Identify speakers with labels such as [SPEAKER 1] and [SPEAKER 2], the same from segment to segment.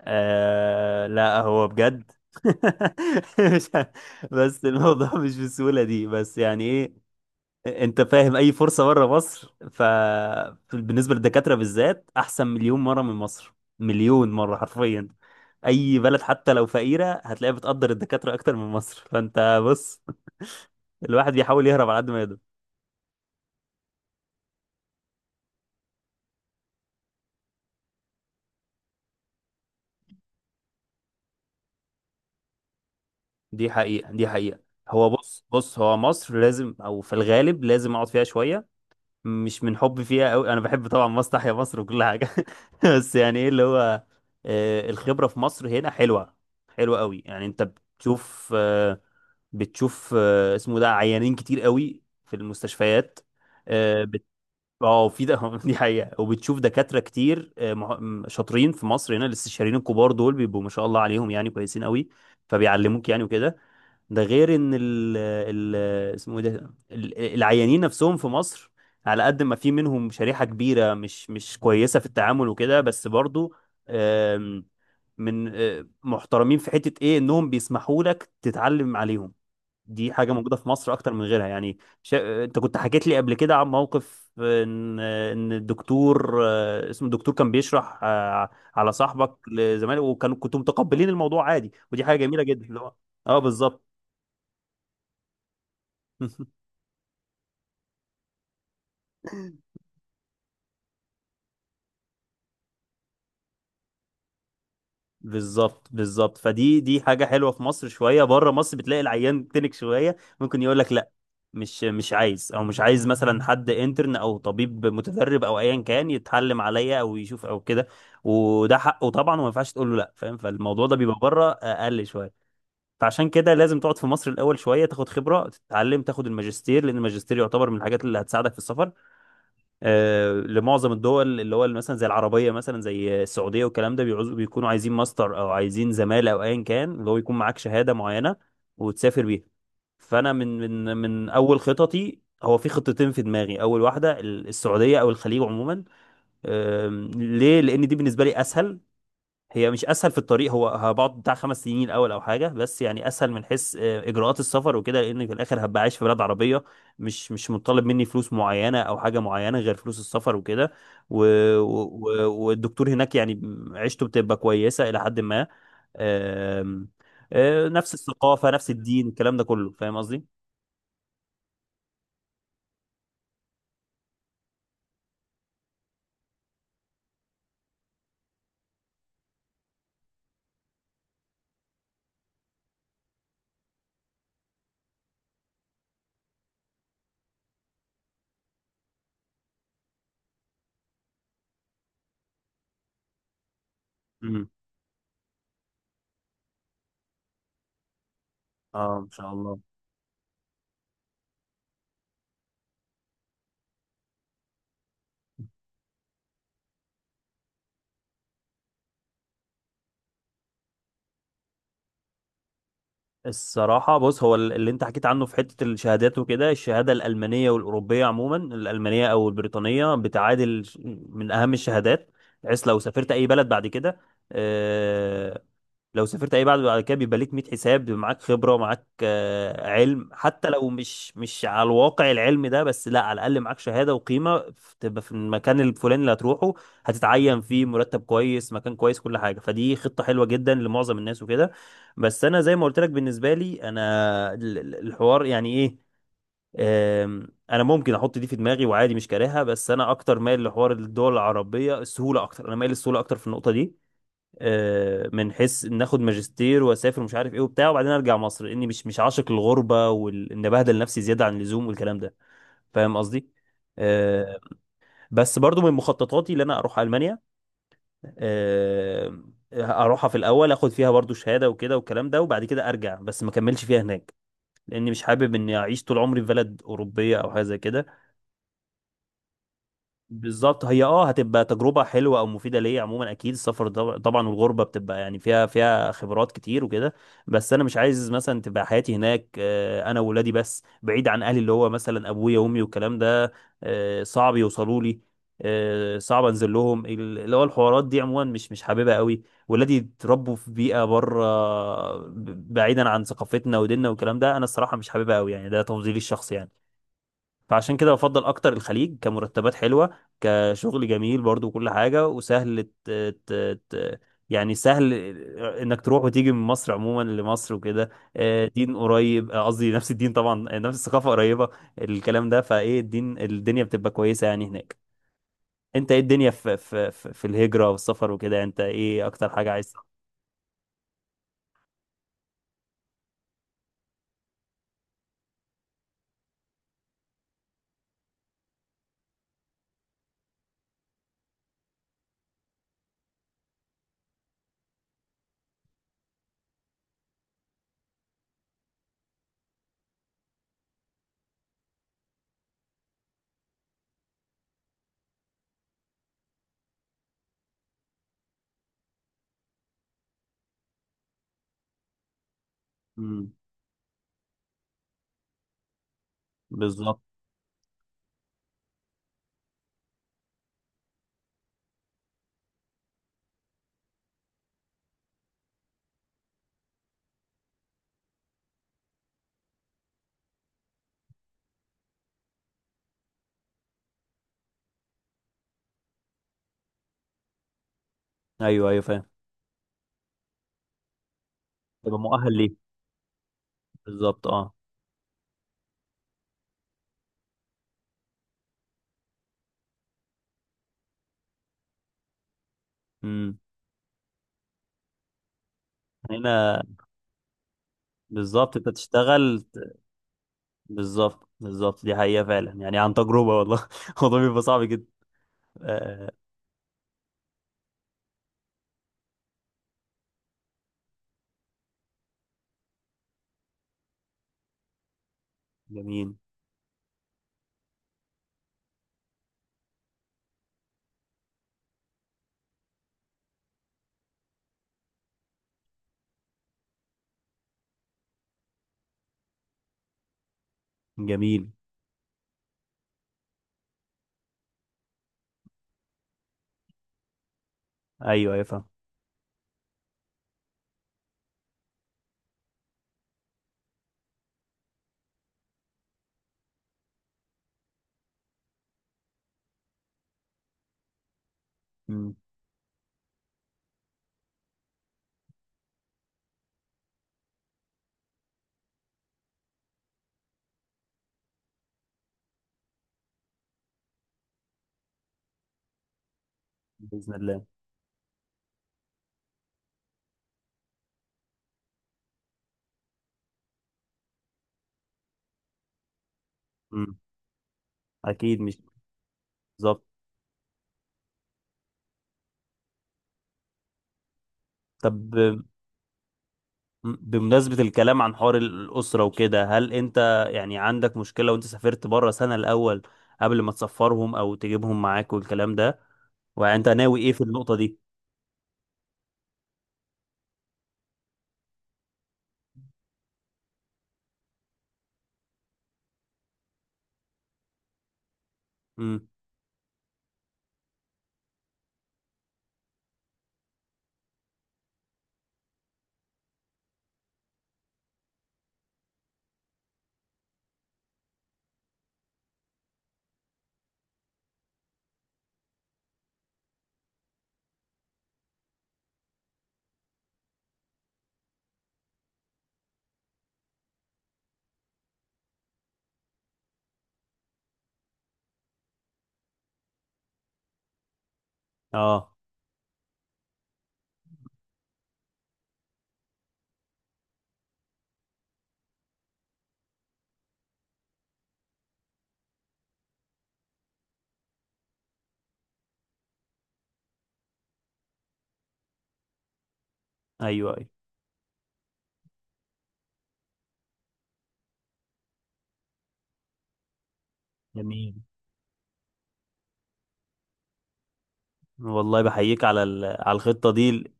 [SPEAKER 1] آه، لا، هو بجد. مش ه- بس الموضوع مش بالسهولة دي، بس يعني ايه؟ انت فاهم؟ اي فرصة بره مصر، ف بالنسبة للدكاترة بالذات احسن مليون مرة من مصر، مليون مرة حرفيا. اي بلد حتى لو فقيرة، هتلاقيها بتقدر الدكاترة اكتر من مصر، فانت بص، الواحد بيحاول يهرب على قد ما يقدر. دي حقيقة، دي حقيقة. هو بص بص، هو مصر لازم، او في الغالب لازم اقعد فيها شوية. مش من حبي فيها قوي، انا بحب طبعا مصر، تحيا مصر وكل حاجه. بس يعني ايه اللي هو، الخبره في مصر هنا حلوه، حلوه قوي. يعني انت بتشوف آه، بتشوف اسمه ده عيانين كتير قوي في المستشفيات. اه. في ده. دي حقيقه، وبتشوف دكاتره كتير شاطرين في مصر هنا. الاستشاريين الكبار دول بيبقوا ما شاء الله عليهم، يعني كويسين قوي، فبيعلموك يعني وكده. ده غير ان ال ال اسمه إيه ده، العيانين نفسهم في مصر على قد ما في منهم شريحة كبيرة مش كويسة في التعامل وكده، بس برضو آم، من آه، محترمين في حتة ايه، انهم بيسمحوا لك تتعلم عليهم. دي حاجة موجودة في مصر اكتر من غيرها، يعني انت كنت حكيت لي قبل كده عن موقف، ان الدكتور، اسمه الدكتور كان بيشرح على صاحبك لزمايله، كنتوا متقبلين الموضوع عادي، ودي حاجة جميلة جدا اللي هو، اه بالظبط. بالظبط، بالظبط، فدي حاجة حلوة في مصر. شوية بره مصر بتلاقي العيان تنك شوية، ممكن يقول لك لا، مش عايز، او مش عايز مثلا حد انترن او طبيب متدرب او ايا كان يتعلم عليا او يشوف او كده، وده حقه طبعا، وما ينفعش تقول له لا، فاهم. فالموضوع ده بيبقى بره اقل شوية. فعشان كده لازم تقعد في مصر الاول شوية، تاخد خبرة، تتعلم، تاخد الماجستير، لان الماجستير يعتبر من الحاجات اللي هتساعدك في السفر، لمعظم الدول، اللي هو مثلا زي العربيه، مثلا زي السعوديه والكلام ده، بيعوزوا، بيكونوا عايزين ماستر او عايزين زماله او ايا كان، اللي هو يكون معاك شهاده معينه وتسافر بيها. فانا من اول خططي، هو في خطتين في دماغي. اول واحده، السعوديه او الخليج عموما. ليه؟ لان دي بالنسبه لي اسهل. هي مش اسهل في الطريق، هو هبقعد بتاع 5 سنين الاول او حاجه، بس يعني اسهل من حيث اجراءات السفر وكده، لان في الاخر هبقى عايش في بلد عربيه، مش مطالب مني فلوس معينه او حاجه معينه غير فلوس السفر وكده. و... والدكتور هناك يعني عيشته بتبقى كويسه الى حد ما. آم، نفس الثقافه نفس الدين، الكلام ده كله، فاهم قصدي؟ امم. اه، ان شاء الله. الصراحة بص، هو اللي انت حكيت عنه في حتة الشهادات وكده، الشهادة الألمانية والأوروبية عموما، الألمانية أو البريطانية بتعادل، من أهم الشهادات، بحيث لو سافرت أي بلد بعد كده، لو سافرت اي بعد كده، بيبقى ليك 100 حساب، بيبقى معاك خبره، معاك علم، حتى لو مش على الواقع العلم ده، بس لا، على الاقل معاك شهاده وقيمه، تبقى في المكان الفلاني اللي هتروحه، هتتعين فيه، مرتب كويس، مكان كويس، كل حاجه، فدي خطه حلوه جدا لمعظم الناس وكده. بس انا زي ما قلت لك، بالنسبه لي انا، الحوار يعني ايه. انا ممكن احط دي في دماغي وعادي، مش كارهها، بس انا اكتر مايل لحوار الدول العربيه، السهوله اكتر، انا مايل للسهوله اكتر في النقطه دي. من حيث إن اخد ماجستير واسافر ومش عارف ايه وبتاع، وبعدين ارجع مصر، لاني مش عاشق الغربه، وان بهدل نفسي زياده عن اللزوم والكلام ده، فاهم قصدي؟ آه، بس برضو من مخططاتي ان انا اروح المانيا، آه، اروحها في الاول، اخد فيها برضو شهاده وكده والكلام ده، وبعد كده ارجع، بس ما كملش فيها هناك، لاني مش حابب اني اعيش طول عمري في بلد اوروبيه او حاجه زي كده. بالظبط، هي اه هتبقى تجربة حلوة او مفيدة ليا عموما، اكيد السفر، طبعا، والغربة بتبقى يعني فيها خبرات كتير وكده. بس انا مش عايز مثلا تبقى حياتي هناك، انا وولادي بس، بعيد عن اهلي، اللي هو مثلا ابويا وامي والكلام ده. صعب يوصلوا لي، صعب انزل لهم، اللي هو الحوارات دي عموما، مش حاببها قوي. ولادي اتربوا في بيئة بره، بعيدا عن ثقافتنا وديننا والكلام ده، انا الصراحة مش حاببها قوي، يعني ده تفضيلي الشخصي يعني. فعشان كده بفضل اكتر الخليج، كمرتبات حلوه، كشغل جميل برضو وكل حاجه، وسهل ت... ت... يعني سهل انك تروح وتيجي من مصر عموما لمصر وكده. دين قريب، قصدي نفس الدين طبعا، نفس الثقافه قريبه، الكلام ده، فايه الدين، الدنيا بتبقى كويسه يعني هناك. انت ايه الدنيا في الهجره والسفر وكده؟ انت ايه اكتر حاجه عايز؟ امم. بالظبط. ايوه ايوه فاهم. تبقى مؤهل ليه. بالظبط، اه. امم. هنا. بالظبط انت تشتغل. بالظبط، بالظبط، دي حقيقة فعلا، يعني عن تجربة، والله. الموضوع بيبقى صعب جدا. آه. جميل. جميل. أيوه أيوه فاهم. مم. بإذن الله. مم، أكيد مش. بالظبط. طب. بمناسبة الكلام عن حوار الأسرة وكده، هل أنت يعني عندك مشكلة وأنت سافرت بره سنة الأول، قبل ما تسفرهم أو تجيبهم معاك والكلام ده، وأنت ناوي إيه في النقطة دي؟ مم. أه. أيوه، أيوه. جميل. والله بحييك على على الخطة دي،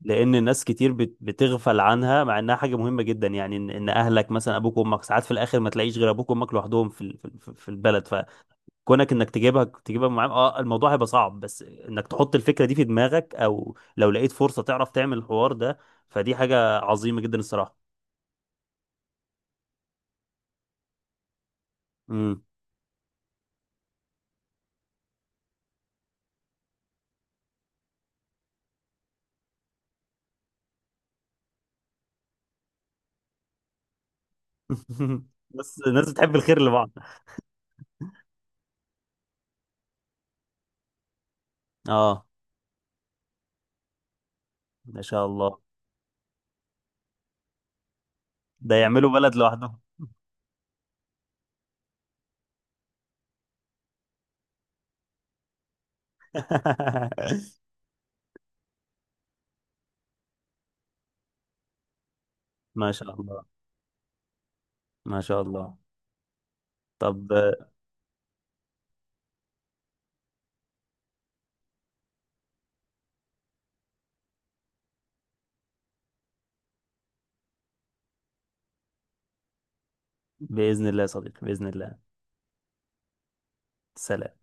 [SPEAKER 1] لان الناس كتير بتغفل عنها مع انها حاجه مهمه جدا، يعني إن اهلك مثلا ابوك وامك ساعات في الاخر ما تلاقيش غير ابوك وامك لوحدهم في البلد. فكونك انك تجيبها معاهم، اه الموضوع هيبقى صعب، بس انك تحط الفكره دي في دماغك، او لو لقيت فرصه تعرف تعمل الحوار ده، فدي حاجه عظيمه جدا الصراحه. امم بس الناس بتحب الخير لبعض. اه، ما شاء الله. ده يعملوا بلد لوحدهم. ما شاء الله. ما شاء الله. طب، بإذن الله يا صديقي، بإذن الله. سلام.